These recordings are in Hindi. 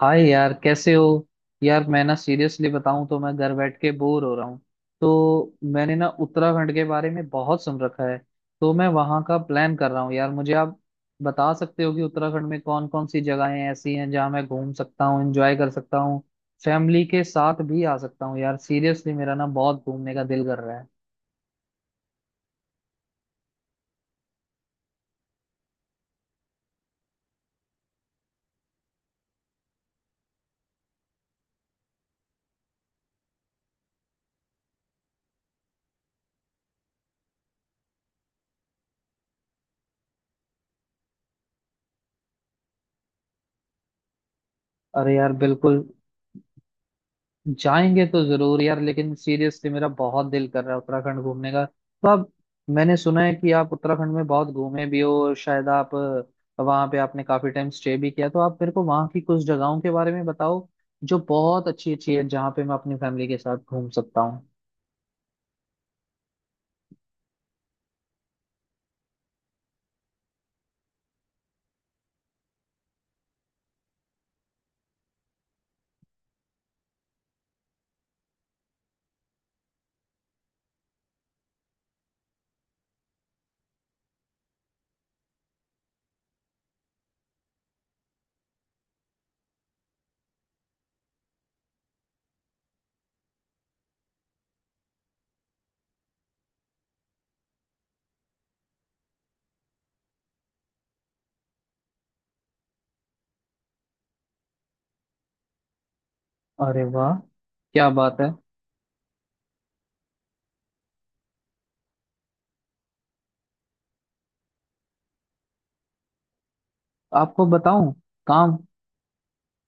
हाय यार कैसे हो। यार मैं ना सीरियसली बताऊं तो मैं घर बैठ के बोर हो रहा हूँ। तो मैंने ना उत्तराखंड के बारे में बहुत सुन रखा है। तो मैं वहां का प्लान कर रहा हूँ यार। मुझे आप बता सकते हो कि उत्तराखंड में कौन कौन सी जगहें ऐसी हैं जहाँ मैं घूम सकता हूँ, एंजॉय कर सकता हूँ, फैमिली के साथ भी आ सकता हूँ। यार सीरियसली मेरा ना बहुत घूमने का दिल कर रहा है। अरे यार बिल्कुल। जाएंगे तो जरूर यार, लेकिन सीरियसली मेरा बहुत दिल कर रहा है उत्तराखंड घूमने का। तो आप, मैंने सुना है कि आप उत्तराखंड में बहुत घूमे भी हो और शायद आप वहाँ पे आपने काफी टाइम स्टे भी किया। तो आप मेरे को वहाँ की कुछ जगहों के बारे में बताओ जो बहुत अच्छी अच्छी है, जहाँ पे मैं अपनी फैमिली के साथ घूम सकता हूँ। अरे वाह। क्या बात है। आपको बताऊं। काम।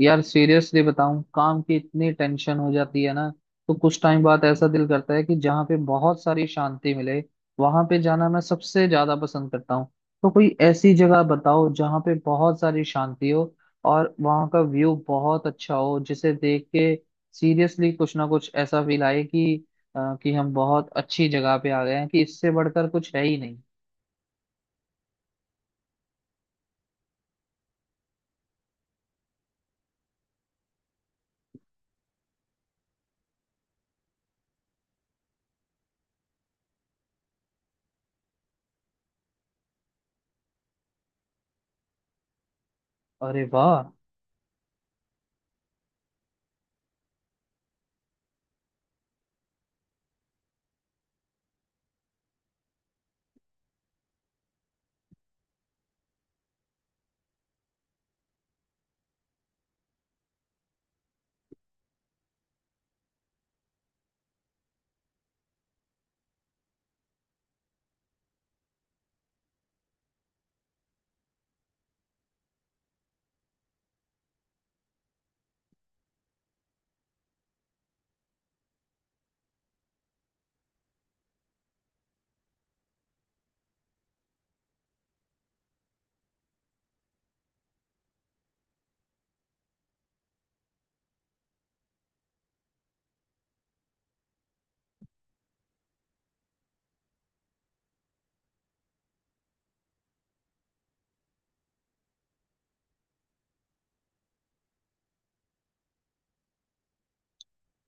यार सीरियसली बताऊं, काम की इतनी टेंशन हो जाती है ना, तो कुछ टाइम बाद ऐसा दिल करता है कि जहाँ पे बहुत सारी शांति मिले वहां पे जाना मैं सबसे ज्यादा पसंद करता हूँ। तो कोई ऐसी जगह बताओ जहाँ पे बहुत सारी शांति हो और वहाँ का व्यू बहुत अच्छा हो, जिसे देख के सीरियसली कुछ ना कुछ ऐसा फील आए कि कि हम बहुत अच्छी जगह पे आ गए हैं, कि इससे बढ़कर कुछ है ही नहीं। अरे वाह।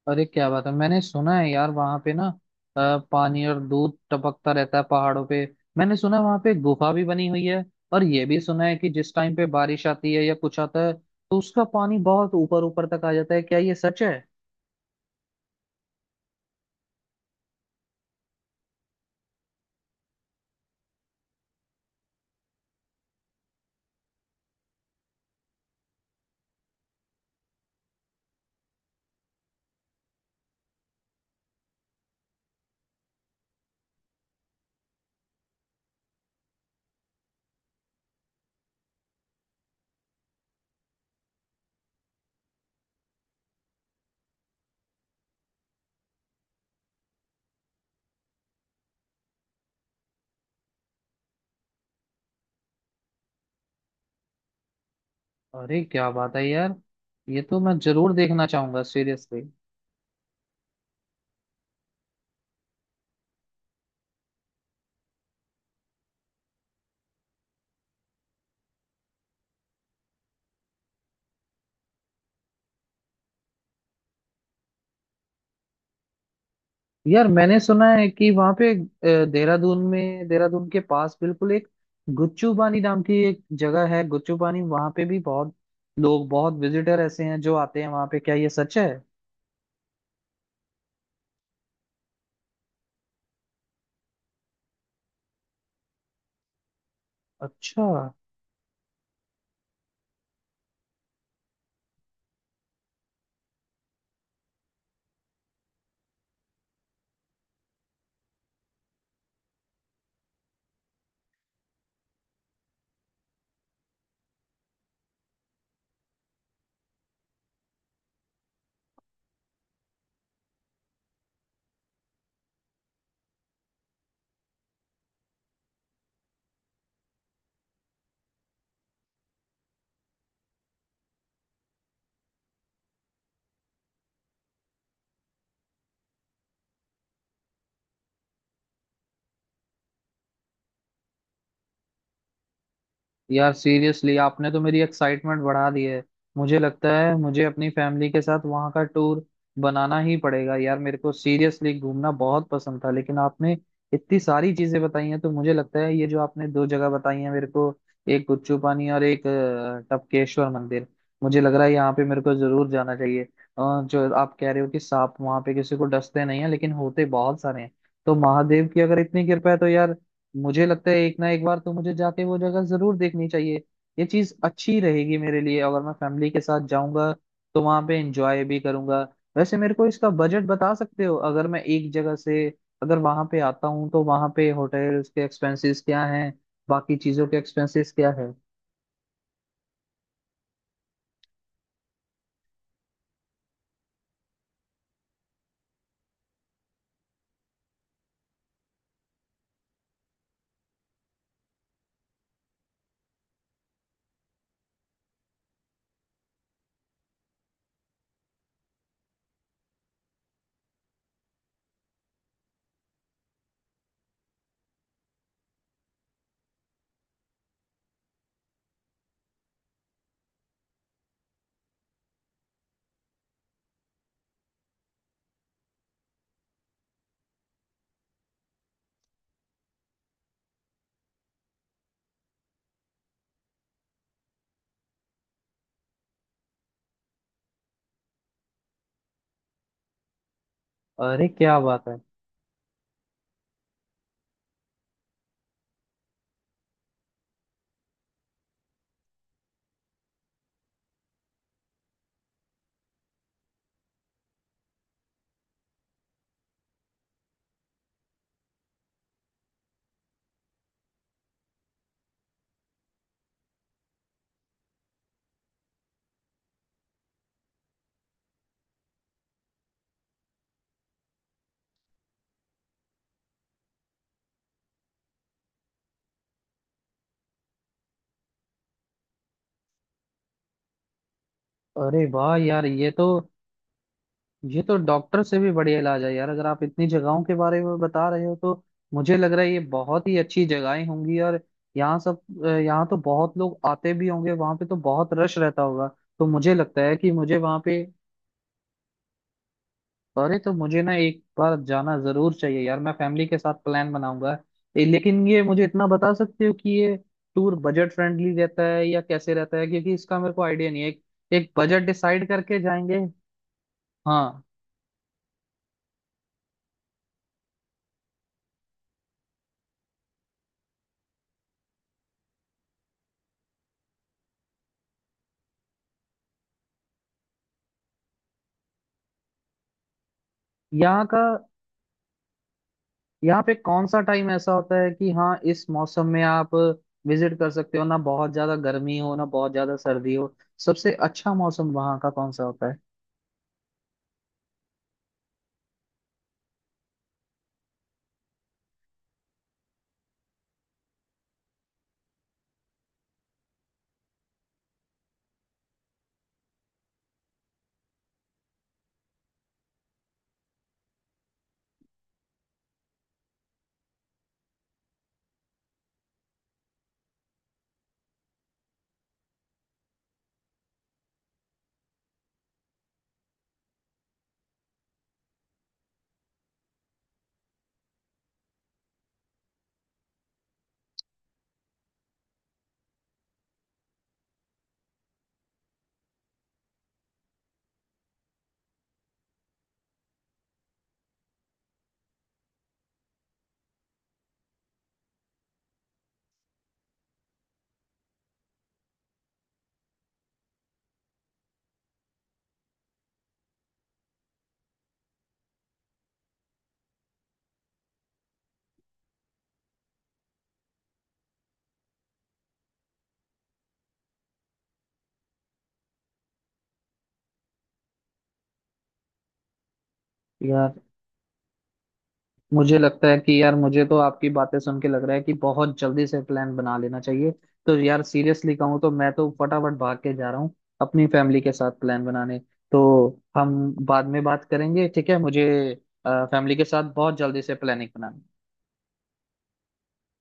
अरे क्या बात है। मैंने सुना है यार वहां पे ना पानी और दूध टपकता रहता है पहाड़ों पे। मैंने सुना है वहां पे गुफा भी बनी हुई है, और ये भी सुना है कि जिस टाइम पे बारिश आती है या कुछ आता है तो उसका पानी बहुत ऊपर ऊपर तक आ जाता है। क्या ये सच है। अरे क्या बात है यार। ये तो मैं जरूर देखना चाहूंगा सीरियसली। यार मैंने सुना है कि वहां पे देहरादून में, देहरादून के पास बिल्कुल एक गुच्चू पानी नाम की एक जगह है। गुच्चू पानी वहां पे भी बहुत लोग, बहुत विजिटर ऐसे हैं जो आते हैं वहां पे। क्या ये सच है। अच्छा। यार सीरियसली आपने तो मेरी एक्साइटमेंट बढ़ा दी है। मुझे लगता है मुझे अपनी फैमिली के साथ वहां का टूर बनाना ही पड़ेगा यार। मेरे को सीरियसली घूमना बहुत पसंद था, लेकिन आपने इतनी सारी चीजें बताई हैं तो मुझे लगता है ये जो आपने दो जगह बताई हैं मेरे को, एक गुच्चू पानी और एक टपकेश्वर मंदिर, मुझे लग रहा है यहाँ पे मेरे को जरूर जाना चाहिए। जो आप कह रहे हो कि सांप वहां पे किसी को डसते नहीं है लेकिन होते बहुत सारे हैं, तो महादेव की अगर इतनी कृपा है तो यार मुझे लगता है एक ना एक बार तो मुझे जाके वो जगह जरूर देखनी चाहिए। ये चीज अच्छी रहेगी मेरे लिए। अगर मैं फैमिली के साथ जाऊंगा तो वहां पे एंजॉय भी करूंगा। वैसे मेरे को इसका बजट बता सकते हो। अगर मैं एक जगह से, अगर वहां पे आता हूँ तो वहां पे होटल्स के एक्सपेंसेस क्या हैं, बाकी चीजों के एक्सपेंसेस क्या है। अरे क्या बात है। अरे वाह यार। ये तो, ये तो डॉक्टर से भी बढ़िया इलाज है यार। अगर आप इतनी जगहों के बारे में बता रहे हो तो मुझे लग रहा है ये बहुत ही अच्छी जगहें होंगी। और यहाँ सब, यहाँ तो बहुत लोग आते भी होंगे, वहां पे तो बहुत रश रहता होगा। तो मुझे लगता है कि मुझे वहां पे, अरे तो मुझे ना एक बार जाना जरूर चाहिए यार। मैं फैमिली के साथ प्लान बनाऊंगा। लेकिन ये मुझे इतना बता सकते हो कि ये टूर बजट फ्रेंडली रहता है या कैसे रहता है, क्योंकि इसका मेरे को आइडिया नहीं है। एक बजट डिसाइड करके जाएंगे। हाँ। यहाँ का, यहाँ पे कौन सा टाइम ऐसा होता है कि हाँ इस मौसम में आप विजिट कर सकते हो, ना बहुत ज्यादा गर्मी हो ना बहुत ज्यादा सर्दी हो। सबसे अच्छा मौसम वहाँ का कौन सा होता है। यार मुझे लगता है कि यार मुझे तो आपकी बातें सुन के लग रहा है कि बहुत जल्दी से प्लान बना लेना चाहिए। तो यार सीरियसली कहूँ तो मैं तो फटाफट भाग के जा रहा हूँ अपनी फैमिली के साथ प्लान बनाने। तो हम बाद में बात करेंगे, ठीक है। मुझे फैमिली के साथ बहुत जल्दी से प्लानिंग बनानी।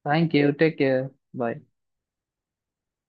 Thank you. Take care. Bye.